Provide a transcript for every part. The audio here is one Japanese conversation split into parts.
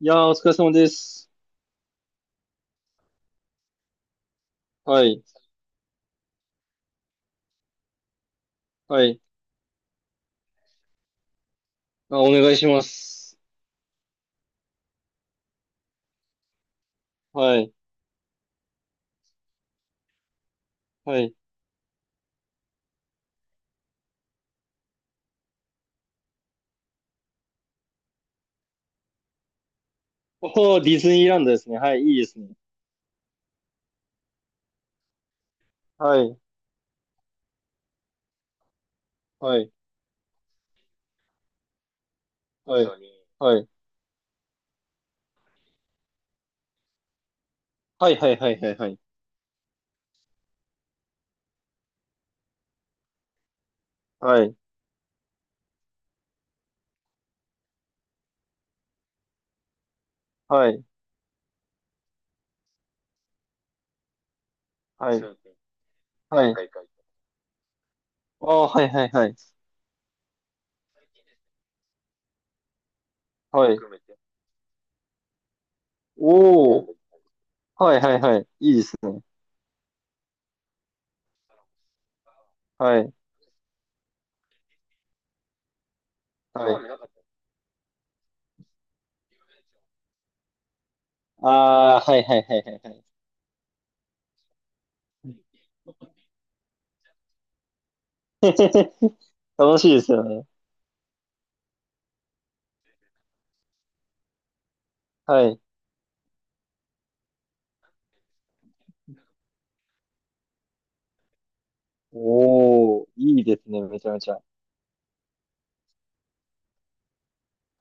いやー、お疲れ様です。はい。はい。あ、お願いします。はい。はい。おー、ディズニーランドですね。はい。いいですね。はい。はい。はい。はい。はい。はい。はい。はい。はい。はい。はい。はい。あー、はい。はい。はい。はい。おー。はい。はい。はい。いいですね。はい。はい。あー、はい。はい。はい。はい。楽しいですよね。はい。おー、いいですね。めちゃめちゃ。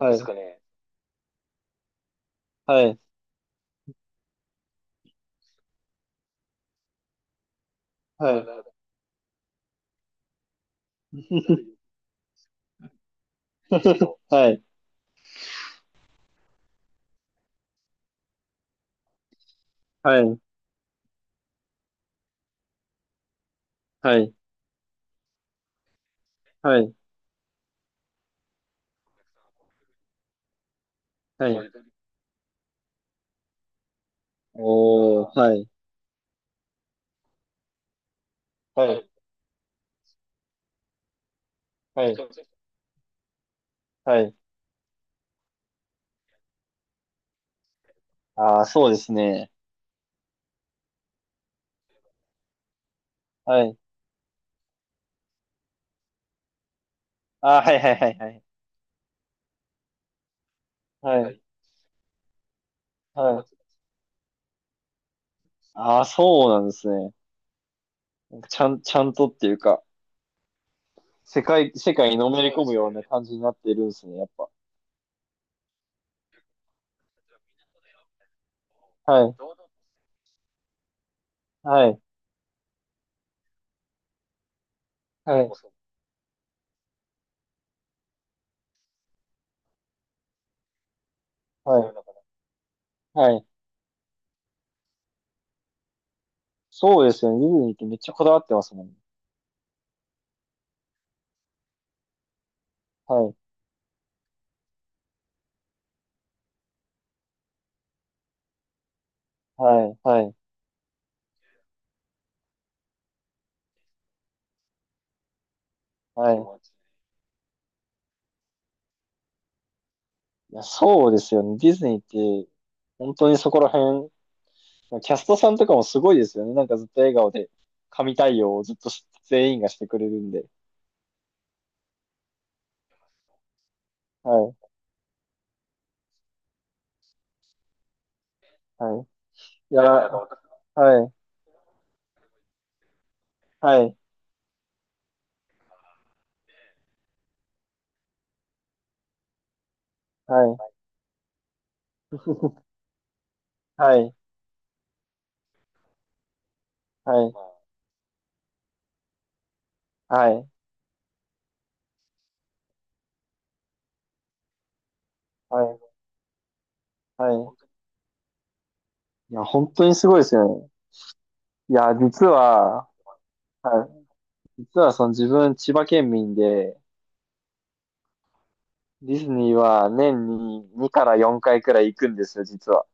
はい。はい。はい。はい。はい、はい、はい、はい。おー、はい、はい、はい、はい。ああ、そうですね。はい。ああ、はい、はい、はい、はい、はい、はい。ああ、そうなんですね。ちゃんとっていうか、世界にのめり込むような感じになってるんですね、やっぱ。はい、はい、はい、はい、はい。そうですよね。ディズニーってめっちゃこだわってますもんね。はい、はい、はい、はい。いや、そうですよね。ディズニーって、本当にそこら辺、キャストさんとかもすごいですよね。なんかずっと笑顔で、神対応をずっと全員がしてくれるんで。はい、はい。いや、はい、はい、はい、はい、はい、はい、はい、はい。いや、本当にすごいですよね。いや、実は、はい、実はその自分、千葉県民で、ディズニーは年に2から4回くらい行くんですよ、実は。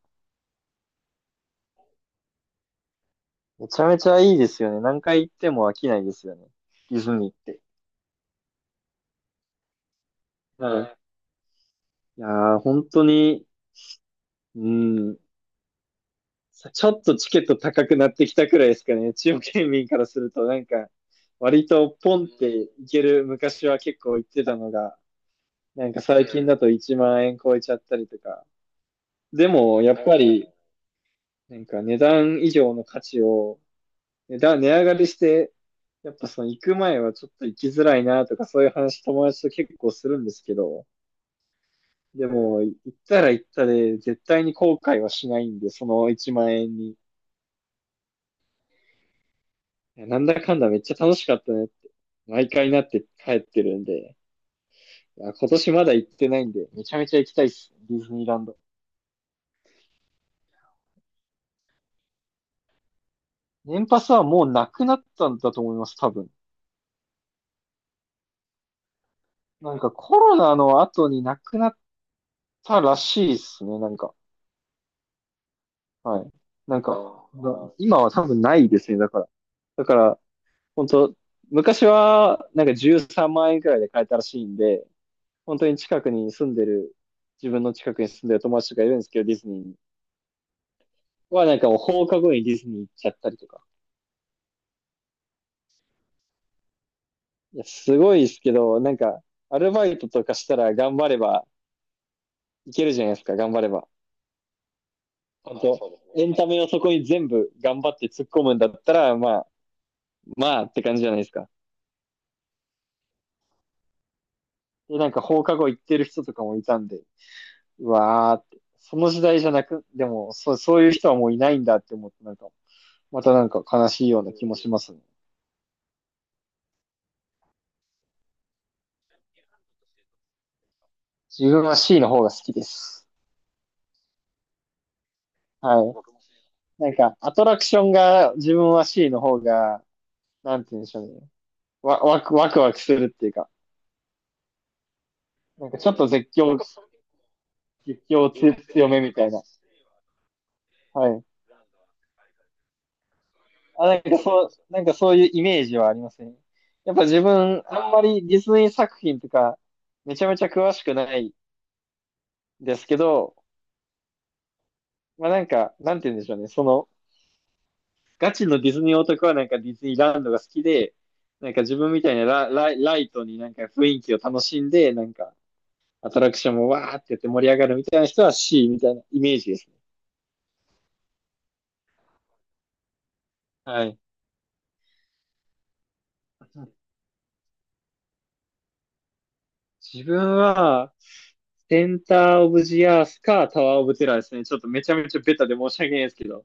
めちゃめちゃいいですよね。何回行っても飽きないですよね。ディズニーって。はい。いやー、本当に、うん、ちょっとチケット高くなってきたくらいですかね。中央県民からすると、なんか、割とポンっていける、昔は結構行ってたのが、なんか最近だと1万円超えちゃったりとか。でも、やっぱり、なんか値段以上の価値を、値上がりして、やっぱその行く前はちょっと行きづらいなとか、そういう話友達と結構するんですけど、でも、行ったら行ったで、絶対に後悔はしないんで、その1万円になんだかんだめっちゃ楽しかったねって、毎回なって帰ってるんで、いや今年まだ行ってないんで、めちゃめちゃ行きたいっすね、ディズニーランド。年パスはもうなくなったんだと思います、多分。なんかコロナの後になくなったらしいっすね、なんか。はい。なんか、今は多分ないですね、だから。だから、本当昔は、なんか13万円くらいで買えたらしいんで、本当に近くに住んでる、自分の近くに住んでる友達とかいるんですけど、ディズニーに。はなんかもう放課後にディズニー行っちゃったりとか。いや、すごいですけど、なんか、アルバイトとかしたら頑張ればいけるじゃないですか、頑張れば。本あ当、エンタメをそこに全部頑張って突っ込むんだったら、まあ、まあって感じじゃないですか。で、なんか放課後行ってる人とかもいたんで、うわーって、その時代じゃなく、でも、そう、そういう人はもういないんだって思って、なんか、またなんか悲しいよううな気もしんますね。自分は C の方が好きです。はい。そうなんか、アトラクションが自分は C の方がなんて言うんでしょうね。わ、わく、ワクワクするっていうか、なんかちょっと絶叫強めみたいな。はい。あ、なんかそう、なんかそういうイメージはありますね。やっぱ自分、あんまりディズニー作品とか、めちゃめちゃ詳しくないですけど、まあなんか、なんて言うんでしょうね。その、ガチのディズニー男はなんかディズニーランドが好きで、なんか自分みたいなライトになんか雰囲気を楽しんで、なんかアトラクションもわーってやって盛り上がるみたいな人は C みたいなイメージですね。はい。自分は、センターオブジアースかタワーオブテラーですね。ちょっとめちゃめちゃベタで申し訳ないですけど。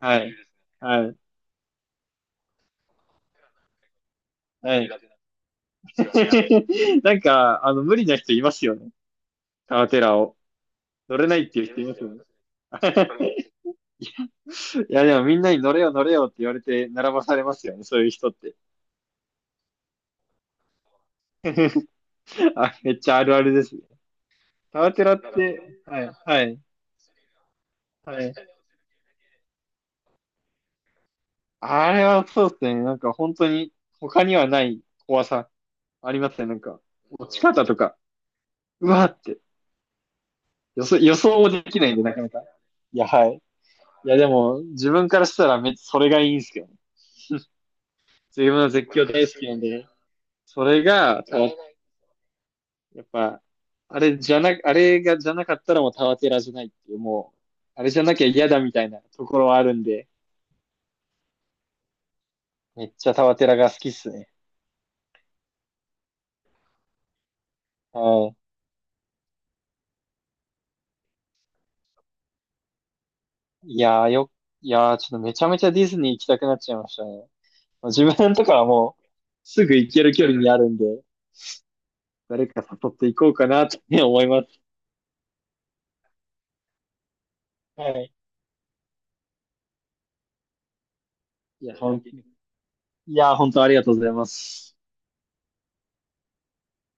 はい。はい。はい。なんか、無理な人いますよね。タワーテラーを。乗れないっていう人いますよね。いや、でもみんなに乗れよ乗れよって言われて並ばされますよね。そういう人って。あ、めっちゃあるあるですね。タワーテラって、はい。はい。はい。あれはそうですね。なんか本当に他にはない怖さ。ありますね、なんか。落ち方とか、うわーって。予想もできないんで、なかなか。いや、はい。いや、でも、自分からしたらめっちゃそれがいいんですけどね。自分は絶叫大好きなんで、それが、やっぱ、あれじゃな、あれがじゃなかったらもうタワテラじゃないっていう、もう、あれじゃなきゃ嫌だみたいなところはあるんで、めっちゃタワテラが好きっすね。はい。いやーよ、いやーちょっとめちゃめちゃディズニー行きたくなっちゃいましたね。まあ自分とかはもう、すぐ行ける距離にあるんで、誰か誘っていこうかなって思います。はい。いや、本当に。いや、本当ありがとうございます。